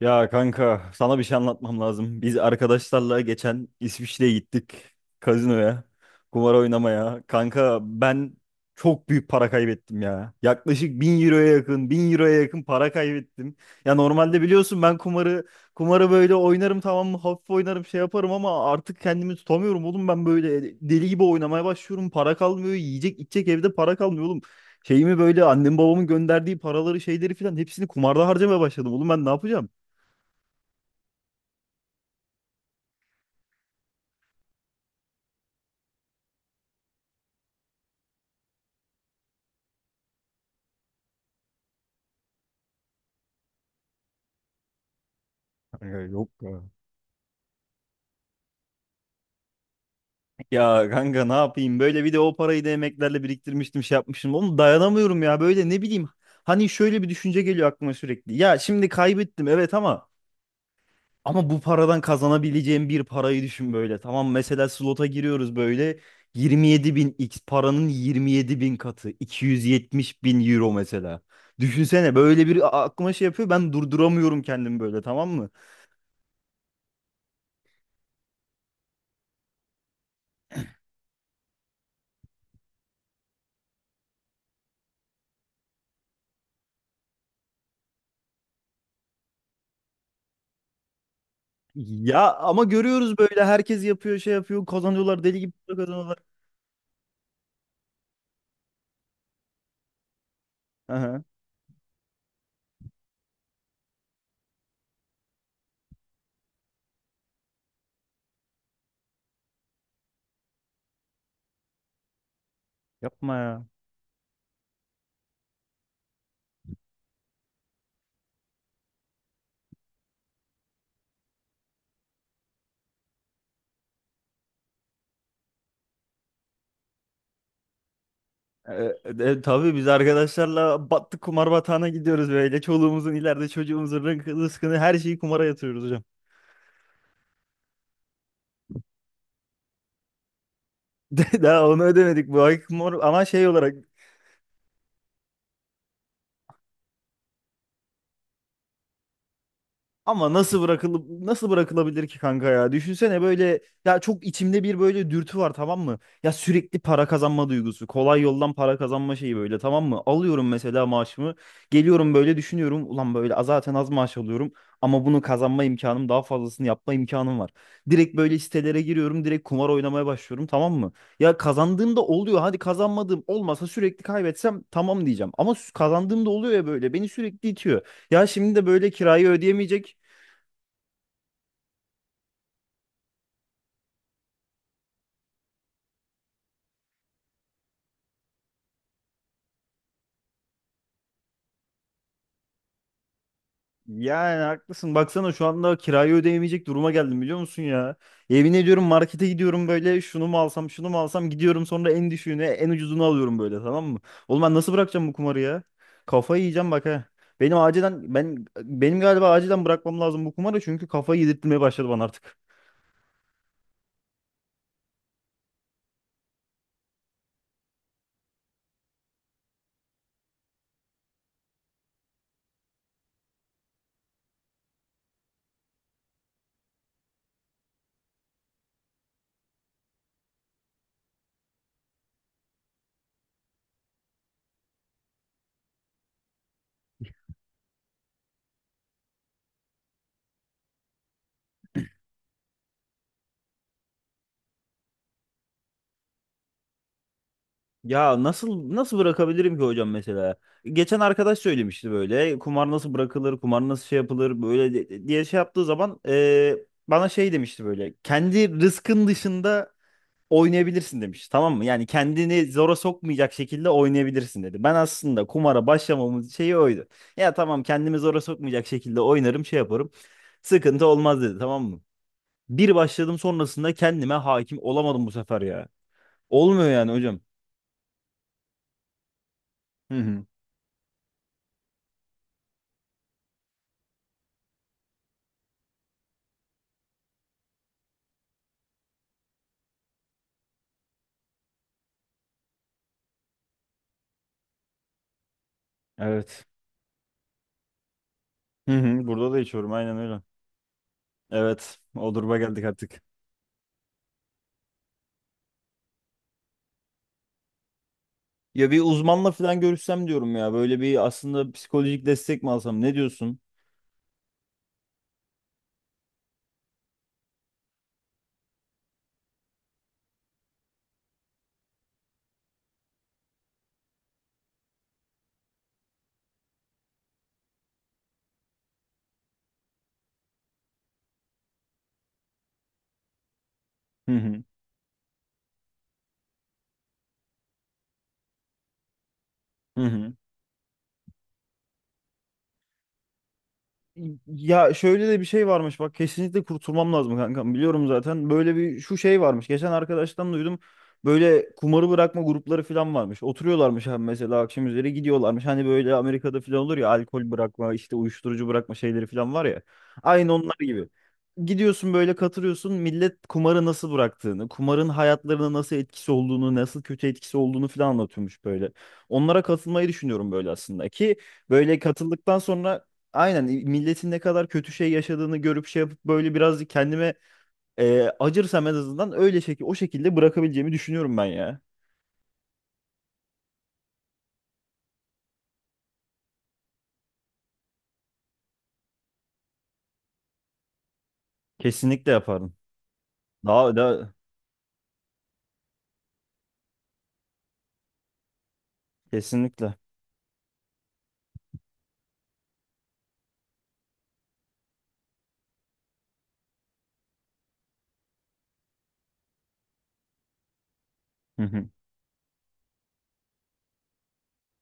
Ya kanka sana bir şey anlatmam lazım. Biz arkadaşlarla geçen İsviçre'ye gittik kazinoya, kumar oynamaya. Kanka ben çok büyük para kaybettim ya. Yaklaşık 1.000 euroya yakın, 1.000 euroya yakın para kaybettim. Ya normalde biliyorsun ben kumarı böyle oynarım, tamam mı? Hafif oynarım, şey yaparım ama artık kendimi tutamıyorum oğlum. Ben böyle deli gibi oynamaya başlıyorum. Para kalmıyor, yiyecek içecek evde para kalmıyor oğlum. Şeyimi böyle annem babamın gönderdiği paraları, şeyleri filan hepsini kumarda harcamaya başladım. Oğlum ben ne yapacağım? Kanka yok ya. Ya kanka ne yapayım, böyle bir de o parayı da emeklerle biriktirmiştim, şey yapmışım. Oğlum dayanamıyorum ya böyle, ne bileyim. Hani şöyle bir düşünce geliyor aklıma sürekli. Ya şimdi kaybettim evet ama ama bu paradan kazanabileceğim bir parayı düşün böyle. Tamam, mesela slota giriyoruz böyle 27 bin x, paranın 27 bin katı, 270 bin euro mesela. Düşünsene, böyle bir aklıma şey yapıyor, ben durduramıyorum kendimi böyle, tamam mı? Ya ama görüyoruz böyle, herkes yapıyor, şey yapıyor, kazanıyorlar deli gibi, para kazanıyorlar. Aha, yapma ya. E, tabii biz arkadaşlarla battık kumar batağına, gidiyoruz böyle. Çoluğumuzun ileride çocuğumuzun rızkını, her şeyi kumara yatırıyoruz hocam. Daha onu ödemedik bu ay, kumar ama şey olarak. Ama nasıl bırakılıp nasıl bırakılabilir ki kanka ya? Düşünsene böyle, ya çok içimde bir böyle dürtü var, tamam mı? Ya sürekli para kazanma duygusu, kolay yoldan para kazanma şeyi böyle, tamam mı? Alıyorum mesela maaşımı, geliyorum böyle düşünüyorum, ulan böyle zaten az maaş alıyorum ama bunu kazanma imkanım, daha fazlasını yapma imkanım var. Direkt böyle sitelere giriyorum, direkt kumar oynamaya başlıyorum, tamam mı? Ya kazandığımda oluyor. Hadi kazanmadığım olmasa, sürekli kaybetsem tamam diyeceğim. Ama kazandığımda oluyor ya böyle, beni sürekli itiyor. Ya şimdi de böyle kirayı ödeyemeyecek. Yani haklısın. Baksana şu anda kirayı ödeyemeyecek duruma geldim, biliyor musun ya? Yemin ediyorum, markete gidiyorum böyle, şunu mu alsam şunu mu alsam, gidiyorum sonra en düşüğünü, en ucuzunu alıyorum böyle, tamam mı? Oğlum ben nasıl bırakacağım bu kumarı ya? Kafayı yiyeceğim bak ha. Benim acilen, ben benim galiba acilen bırakmam lazım bu kumarı, çünkü kafayı yedirtmeye başladı bana artık. Ya nasıl bırakabilirim ki hocam mesela? Geçen arkadaş söylemişti böyle, kumar nasıl bırakılır, kumar nasıl şey yapılır böyle diye şey yaptığı zaman, bana şey demişti böyle, kendi rızkın dışında oynayabilirsin demiş, tamam mı? Yani kendini zora sokmayacak şekilde oynayabilirsin dedi. Ben aslında kumara başlamamın şeyi oydu. Ya tamam, kendimi zora sokmayacak şekilde oynarım, şey yaparım, sıkıntı olmaz dedi, tamam mı? Bir başladım, sonrasında kendime hakim olamadım bu sefer ya. Olmuyor yani hocam. Hı hı. Evet. Hı hı, burada da içiyorum, aynen öyle. Evet, o duruma geldik artık. Ya bir uzmanla falan görüşsem diyorum ya, böyle bir aslında psikolojik destek mi alsam, ne diyorsun? Hı hı. Hı hı. Ya şöyle de bir şey varmış bak, kesinlikle kurtulmam lazım kankam, biliyorum zaten. Böyle bir şu şey varmış, geçen arkadaştan duydum, böyle kumarı bırakma grupları falan varmış, oturuyorlarmış abi, mesela akşam üzeri gidiyorlarmış, hani böyle Amerika'da falan olur ya alkol bırakma, işte uyuşturucu bırakma şeyleri falan var ya, aynı onlar gibi gidiyorsun böyle, katılıyorsun, millet kumarı nasıl bıraktığını, kumarın hayatlarına nasıl etkisi olduğunu, nasıl kötü etkisi olduğunu falan anlatıyormuş böyle. Onlara katılmayı düşünüyorum böyle aslında ki. Böyle katıldıktan sonra aynen milletin ne kadar kötü şey yaşadığını görüp, şey yapıp böyle biraz kendime acırsam en azından, öyle şekil, o şekilde bırakabileceğimi düşünüyorum ben ya. Kesinlikle yaparım. Daha da kesinlikle. Hı hı,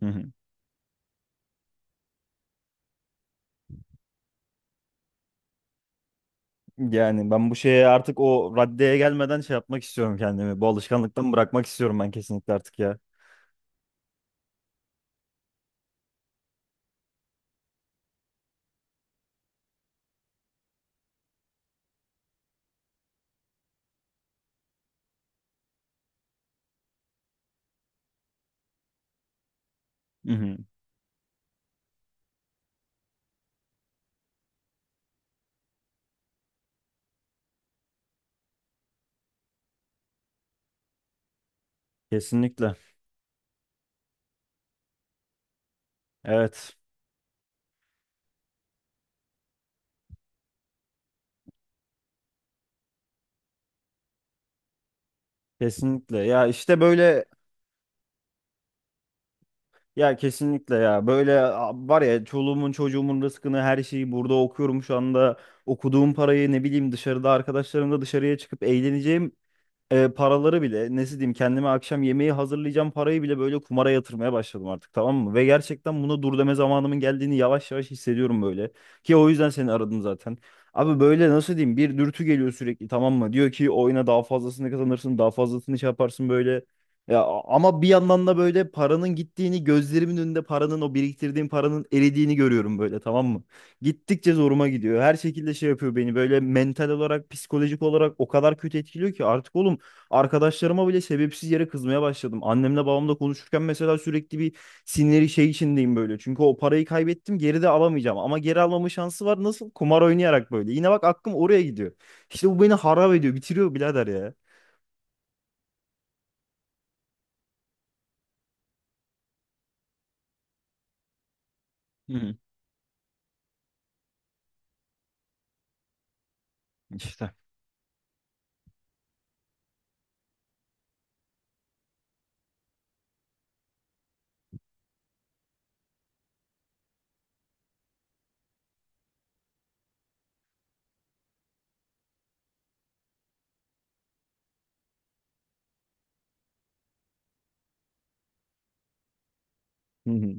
hı hı. Yani ben bu şeye artık o raddeye gelmeden şey yapmak istiyorum kendimi. Bu alışkanlıktan bırakmak istiyorum ben kesinlikle artık ya. Hı hı. Kesinlikle. Evet. Kesinlikle. Ya işte böyle. Ya kesinlikle ya. Böyle var ya, çoluğumun çocuğumun rızkını her şeyi burada okuyorum şu anda. Okuduğum parayı, ne bileyim, dışarıda arkadaşlarımla dışarıya çıkıp eğleneceğim paraları bile, nasıl diyeyim, kendime akşam yemeği hazırlayacağım parayı bile böyle kumara yatırmaya başladım artık, tamam mı? Ve gerçekten buna dur deme zamanımın geldiğini yavaş yavaş hissediyorum böyle. Ki o yüzden seni aradım zaten. Abi böyle nasıl diyeyim, bir dürtü geliyor sürekli, tamam mı? Diyor ki oyna, daha fazlasını kazanırsın, daha fazlasını şey yaparsın böyle. Ama bir yandan da böyle paranın gittiğini, gözlerimin önünde paranın, o biriktirdiğim paranın eridiğini görüyorum böyle, tamam mı? Gittikçe zoruma gidiyor. Her şekilde şey yapıyor beni, böyle mental olarak, psikolojik olarak o kadar kötü etkiliyor ki artık oğlum. Arkadaşlarıma bile sebepsiz yere kızmaya başladım. Annemle babamla konuşurken mesela sürekli bir sinirli şey içindeyim böyle. Çünkü o parayı kaybettim, geri de alamayacağım. Ama geri almama şansı var. Nasıl? Kumar oynayarak böyle. Yine bak, aklım oraya gidiyor. İşte bu beni harap ediyor. Bitiriyor birader ya. Hı hı. İşte. Hı hı.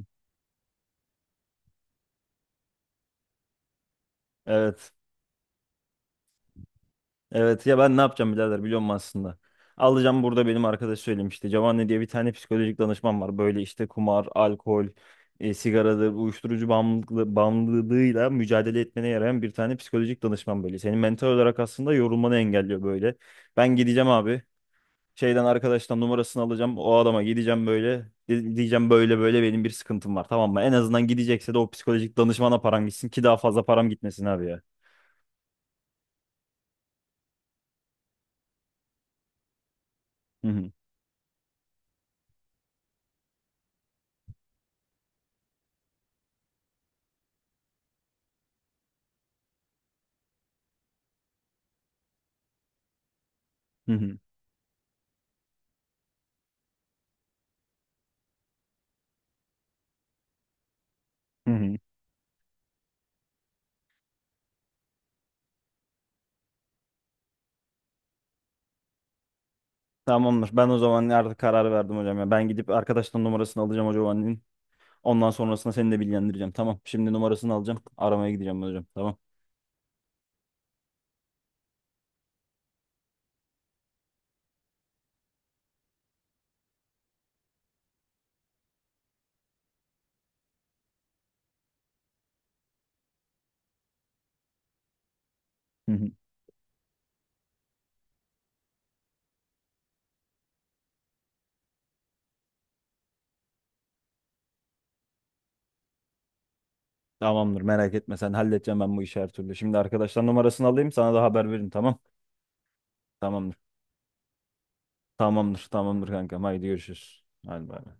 Evet. Evet ya, ben ne yapacağım birader, biliyor musun aslında? Alacağım burada, benim arkadaş söylemişti. Giovanni diye bir tane psikolojik danışman var. Böyle işte kumar, alkol, sigaradır, uyuşturucu bağımlılığı, bağımlılığıyla mücadele etmene yarayan bir tane psikolojik danışman böyle. Senin mental olarak aslında yorulmanı engelliyor böyle. Ben gideceğim abi. Şeyden, arkadaştan numarasını alacağım. O adama gideceğim böyle. Diyeceğim böyle, böyle benim bir sıkıntım var, tamam mı? En azından gidecekse de o psikolojik danışmana param gitsin ki daha fazla param gitmesin abi ya. Hı hı. Hı hı. Hı hı. Tamamdır. Ben o zaman artık karar verdim hocam ya. Ben gidip arkadaştan numarasını alacağım hocam annenin. Ondan sonrasında seni de bilgilendireceğim. Tamam. Şimdi numarasını alacağım. Aramaya gideceğim hocam. Tamam. Hı hı. Tamamdır. Merak etme sen. Halledeceğim ben bu işi her türlü. Şimdi arkadaştan numarasını alayım. Sana da haber veririm. Tamam. Tamamdır. Tamamdır. Tamamdır kankam. Haydi görüşürüz. Hadi bay bay.